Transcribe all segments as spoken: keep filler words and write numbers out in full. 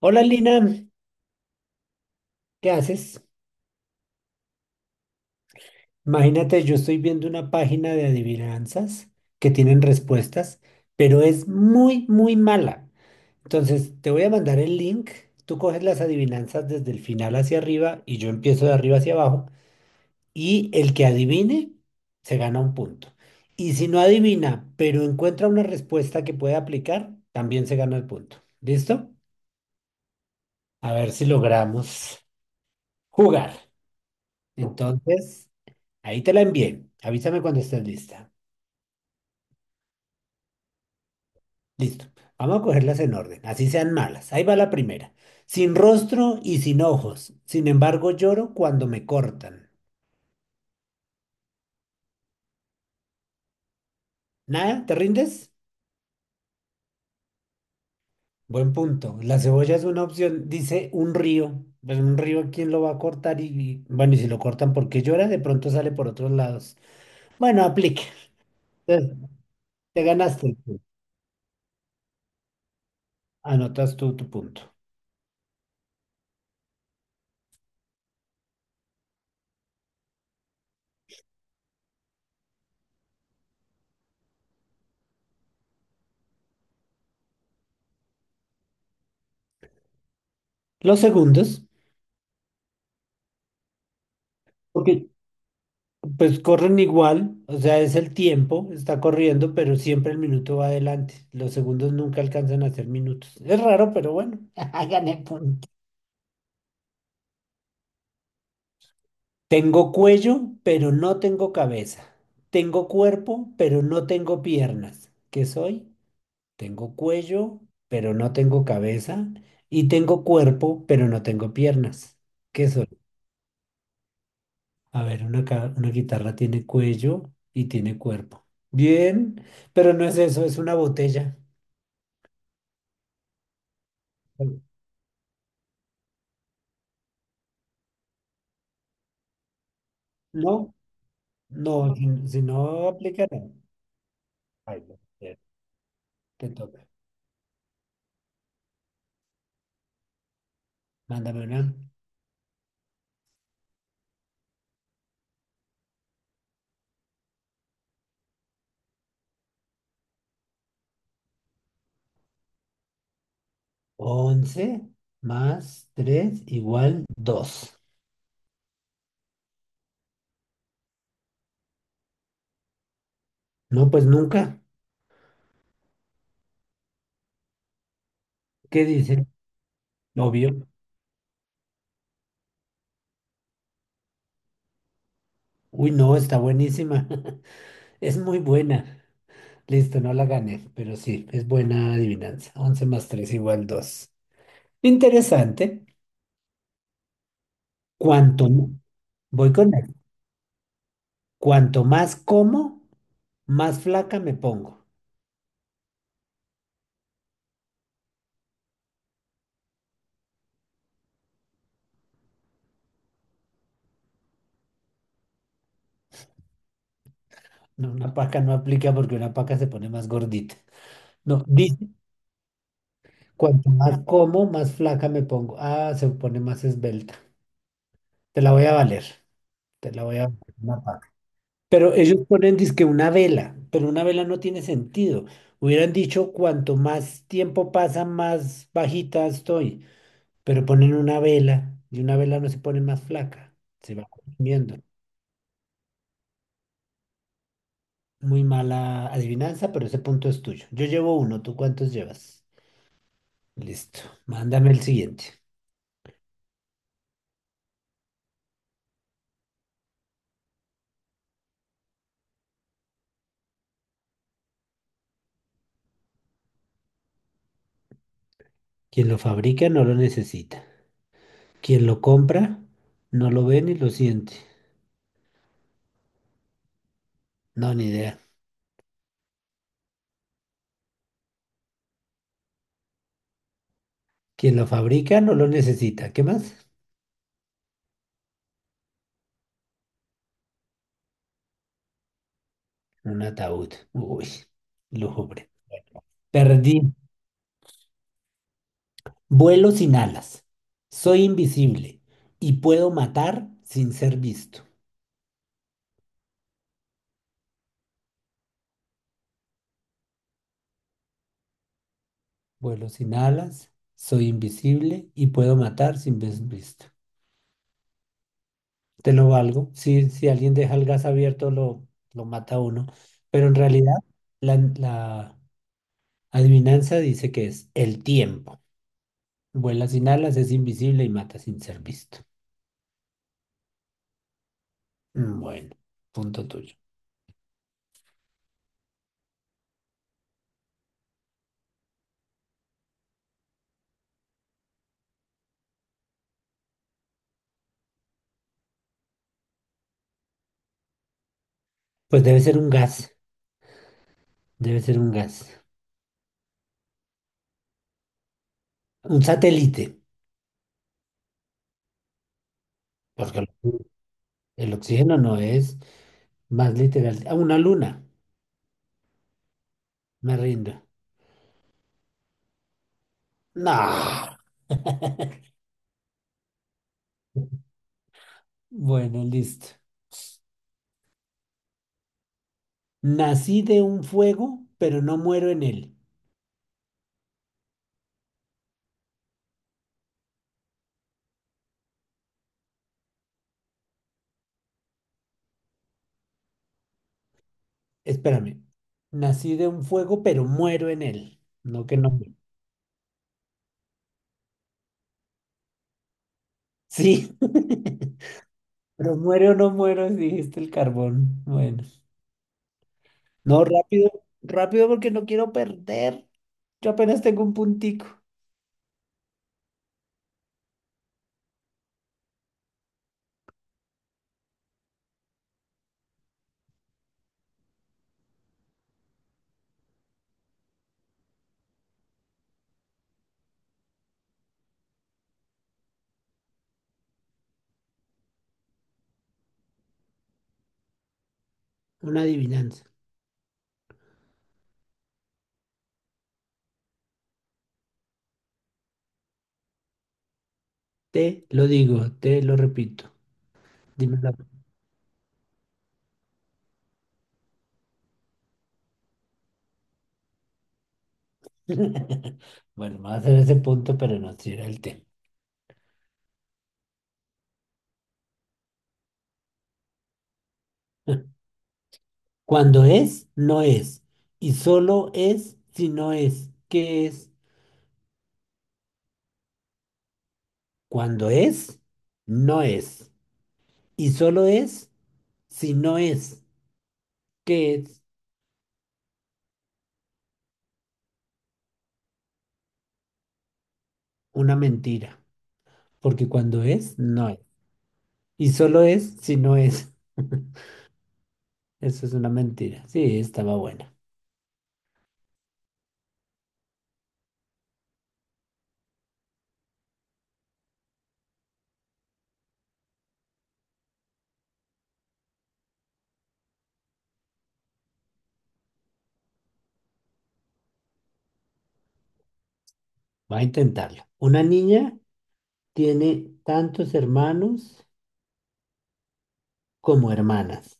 Hola Lina, ¿qué haces? Imagínate, yo estoy viendo una página de adivinanzas que tienen respuestas, pero es muy, muy mala. Entonces, te voy a mandar el link, tú coges las adivinanzas desde el final hacia arriba y yo empiezo de arriba hacia abajo y el que adivine se gana un punto. Y si no adivina, pero encuentra una respuesta que puede aplicar, también se gana el punto. ¿Listo? A ver si logramos jugar. Entonces... Ahí te la envié. Avísame cuando estés lista. Listo. Vamos a cogerlas en orden, así sean malas. Ahí va la primera. Sin rostro y sin ojos. Sin embargo, lloro cuando me cortan. ¿Nada? ¿Te rindes? Buen punto. La cebolla es una opción. Dice un río. Pues un río, ¿quién lo va a cortar? Y, y, bueno, y si lo cortan porque llora, de pronto sale por otros lados. Bueno, aplique. Te, te ganaste el punto. Anotas tú tu punto. Los segundos. Ok, pues corren igual, o sea, es el tiempo, está corriendo, pero siempre el minuto va adelante. Los segundos nunca alcanzan a ser minutos. Es raro, pero bueno, Gané punto. Tengo cuello, pero no tengo cabeza. Tengo cuerpo, pero no tengo piernas. ¿Qué soy? Tengo cuello, pero no tengo cabeza. Y tengo cuerpo, pero no tengo piernas. ¿Qué soy? A ver, una, ca- una guitarra tiene cuello y tiene cuerpo. Bien, pero no es eso, es una botella. No, no, si, si no aplicará. Ay, no, te te toca. Mándame una. Once más tres igual dos. No, pues nunca. ¿Qué dice? Obvio. Uy, no, está buenísima. Es muy buena. Listo, no la gané, pero sí, es buena adivinanza. Once más tres igual dos. Interesante. Cuanto, m- voy con la- Cuanto más como, más flaca me pongo. No, una paca no aplica porque una paca se pone más gordita. No, dice, cuanto más como, más flaca me pongo. Ah, se pone más esbelta. Te la voy a valer. Te la voy a valer, una paca. Pero ellos ponen, dizque una vela, pero una vela no tiene sentido. Hubieran dicho, cuanto más tiempo pasa, más bajita estoy. Pero ponen una vela y una vela no se pone más flaca. Se va consumiendo. Muy mala adivinanza, pero ese punto es tuyo. Yo llevo uno, ¿tú cuántos llevas? Listo. Mándame el siguiente. Quien lo fabrica no lo necesita. Quien lo compra no lo ve ni lo siente. No, ni idea. Quien lo fabrica no lo necesita. ¿Qué más? Un ataúd. Uy, lúgubre. Perdí. Vuelo sin alas. Soy invisible y puedo matar sin ser visto. Vuelo sin alas. Soy invisible y puedo matar sin ser visto. Te lo valgo. Si, si alguien deja el gas abierto, lo, lo mata a uno. Pero en realidad, la, la adivinanza dice que es el tiempo. Vuela sin alas, es invisible y mata sin ser visto. Mm, bueno, punto tuyo. Pues debe ser un gas. Debe ser un gas. Un satélite. Porque el el oxígeno no es más literal. Ah, una luna. Me rindo. No. Bueno, listo. Nací de un fuego, pero no muero en él. Espérame. Nací de un fuego, pero muero en él. No que no. Sí. Pero muero o no muero, dijiste el carbón. Bueno. No, rápido. Rápido porque no quiero perder. Yo apenas tengo un puntico. Una adivinanza. Te lo digo, te lo repito. Dime la. Bueno, va a hacer ese punto, pero no será el tema. Cuando es, no es. Y solo es si no es. ¿Qué es? Cuando es, no es. Y solo es si no es, que es una mentira, porque cuando es, no es. Y solo es si no es. Eso es una mentira. Sí, estaba buena. Va a intentarlo. Una niña tiene tantos hermanos como hermanas.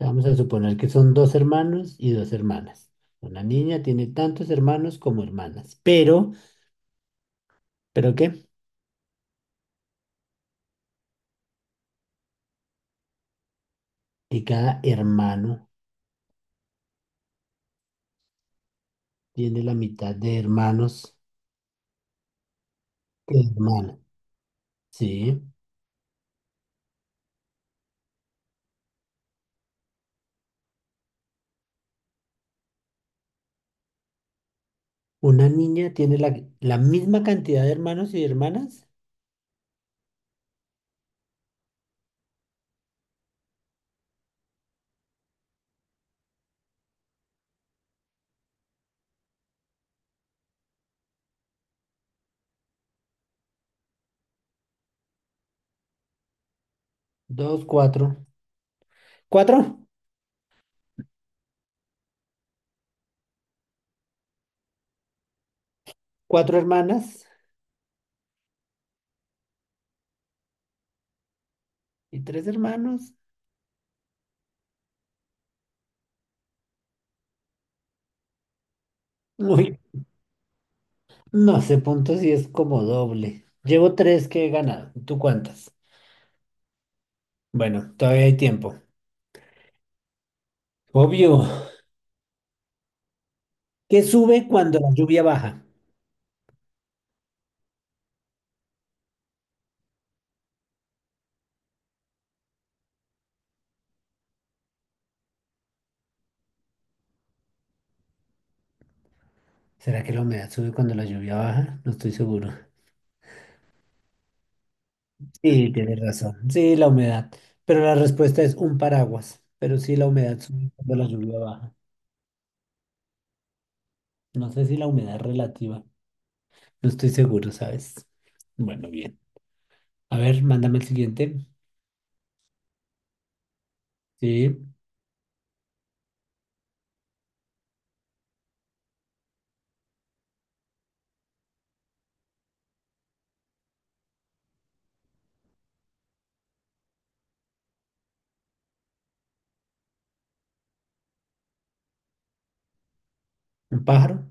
Vamos a suponer que son dos hermanos y dos hermanas. Una niña tiene tantos hermanos como hermanas. Pero, ¿pero qué? Y cada hermano tiene la mitad de hermanos que hermanas. Sí. Una niña tiene la, la misma cantidad de hermanos y hermanas. Dos, cuatro. ¿Cuatro? Cuatro hermanas y tres hermanos. Uy, no sé punto si es como doble. Llevo tres que he ganado. ¿Tú cuántas? Bueno, todavía hay tiempo. Obvio. ¿Qué sube cuando la lluvia baja? ¿Será que la humedad sube cuando la lluvia baja? No estoy seguro. Sí, tienes razón. Sí, la humedad. Pero la respuesta es un paraguas. Pero sí, la humedad sube cuando la lluvia baja. No sé si la humedad es relativa. No estoy seguro, ¿sabes? Bueno, bien. A ver, mándame el siguiente. Sí, un pájaro,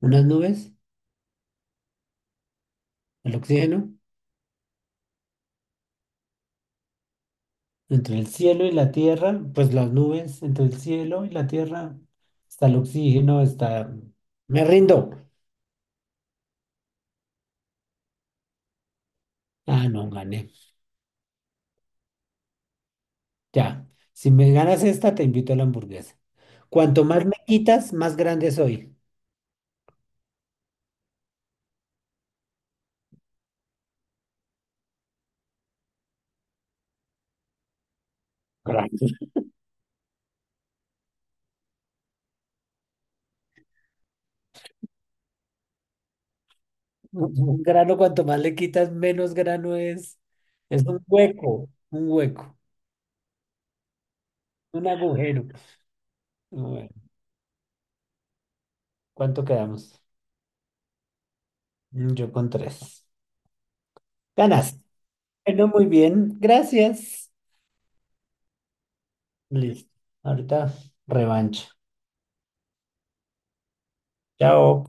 unas nubes, el oxígeno, entre el cielo y la tierra, pues las nubes, entre el cielo y la tierra, está el oxígeno, está... Me rindo. Ah, no, gané. Ya. Si me ganas esta, te invito a la hamburguesa. Cuanto más me quitas, más grande soy. Grande. Un un grano, cuanto más le quitas, menos grano es. Es un hueco, un hueco, un agujero. Bueno. ¿Cuánto quedamos? Mm, yo con tres. Ganas. Bueno, muy bien. Gracias. Listo. Ahorita revancha. Chao.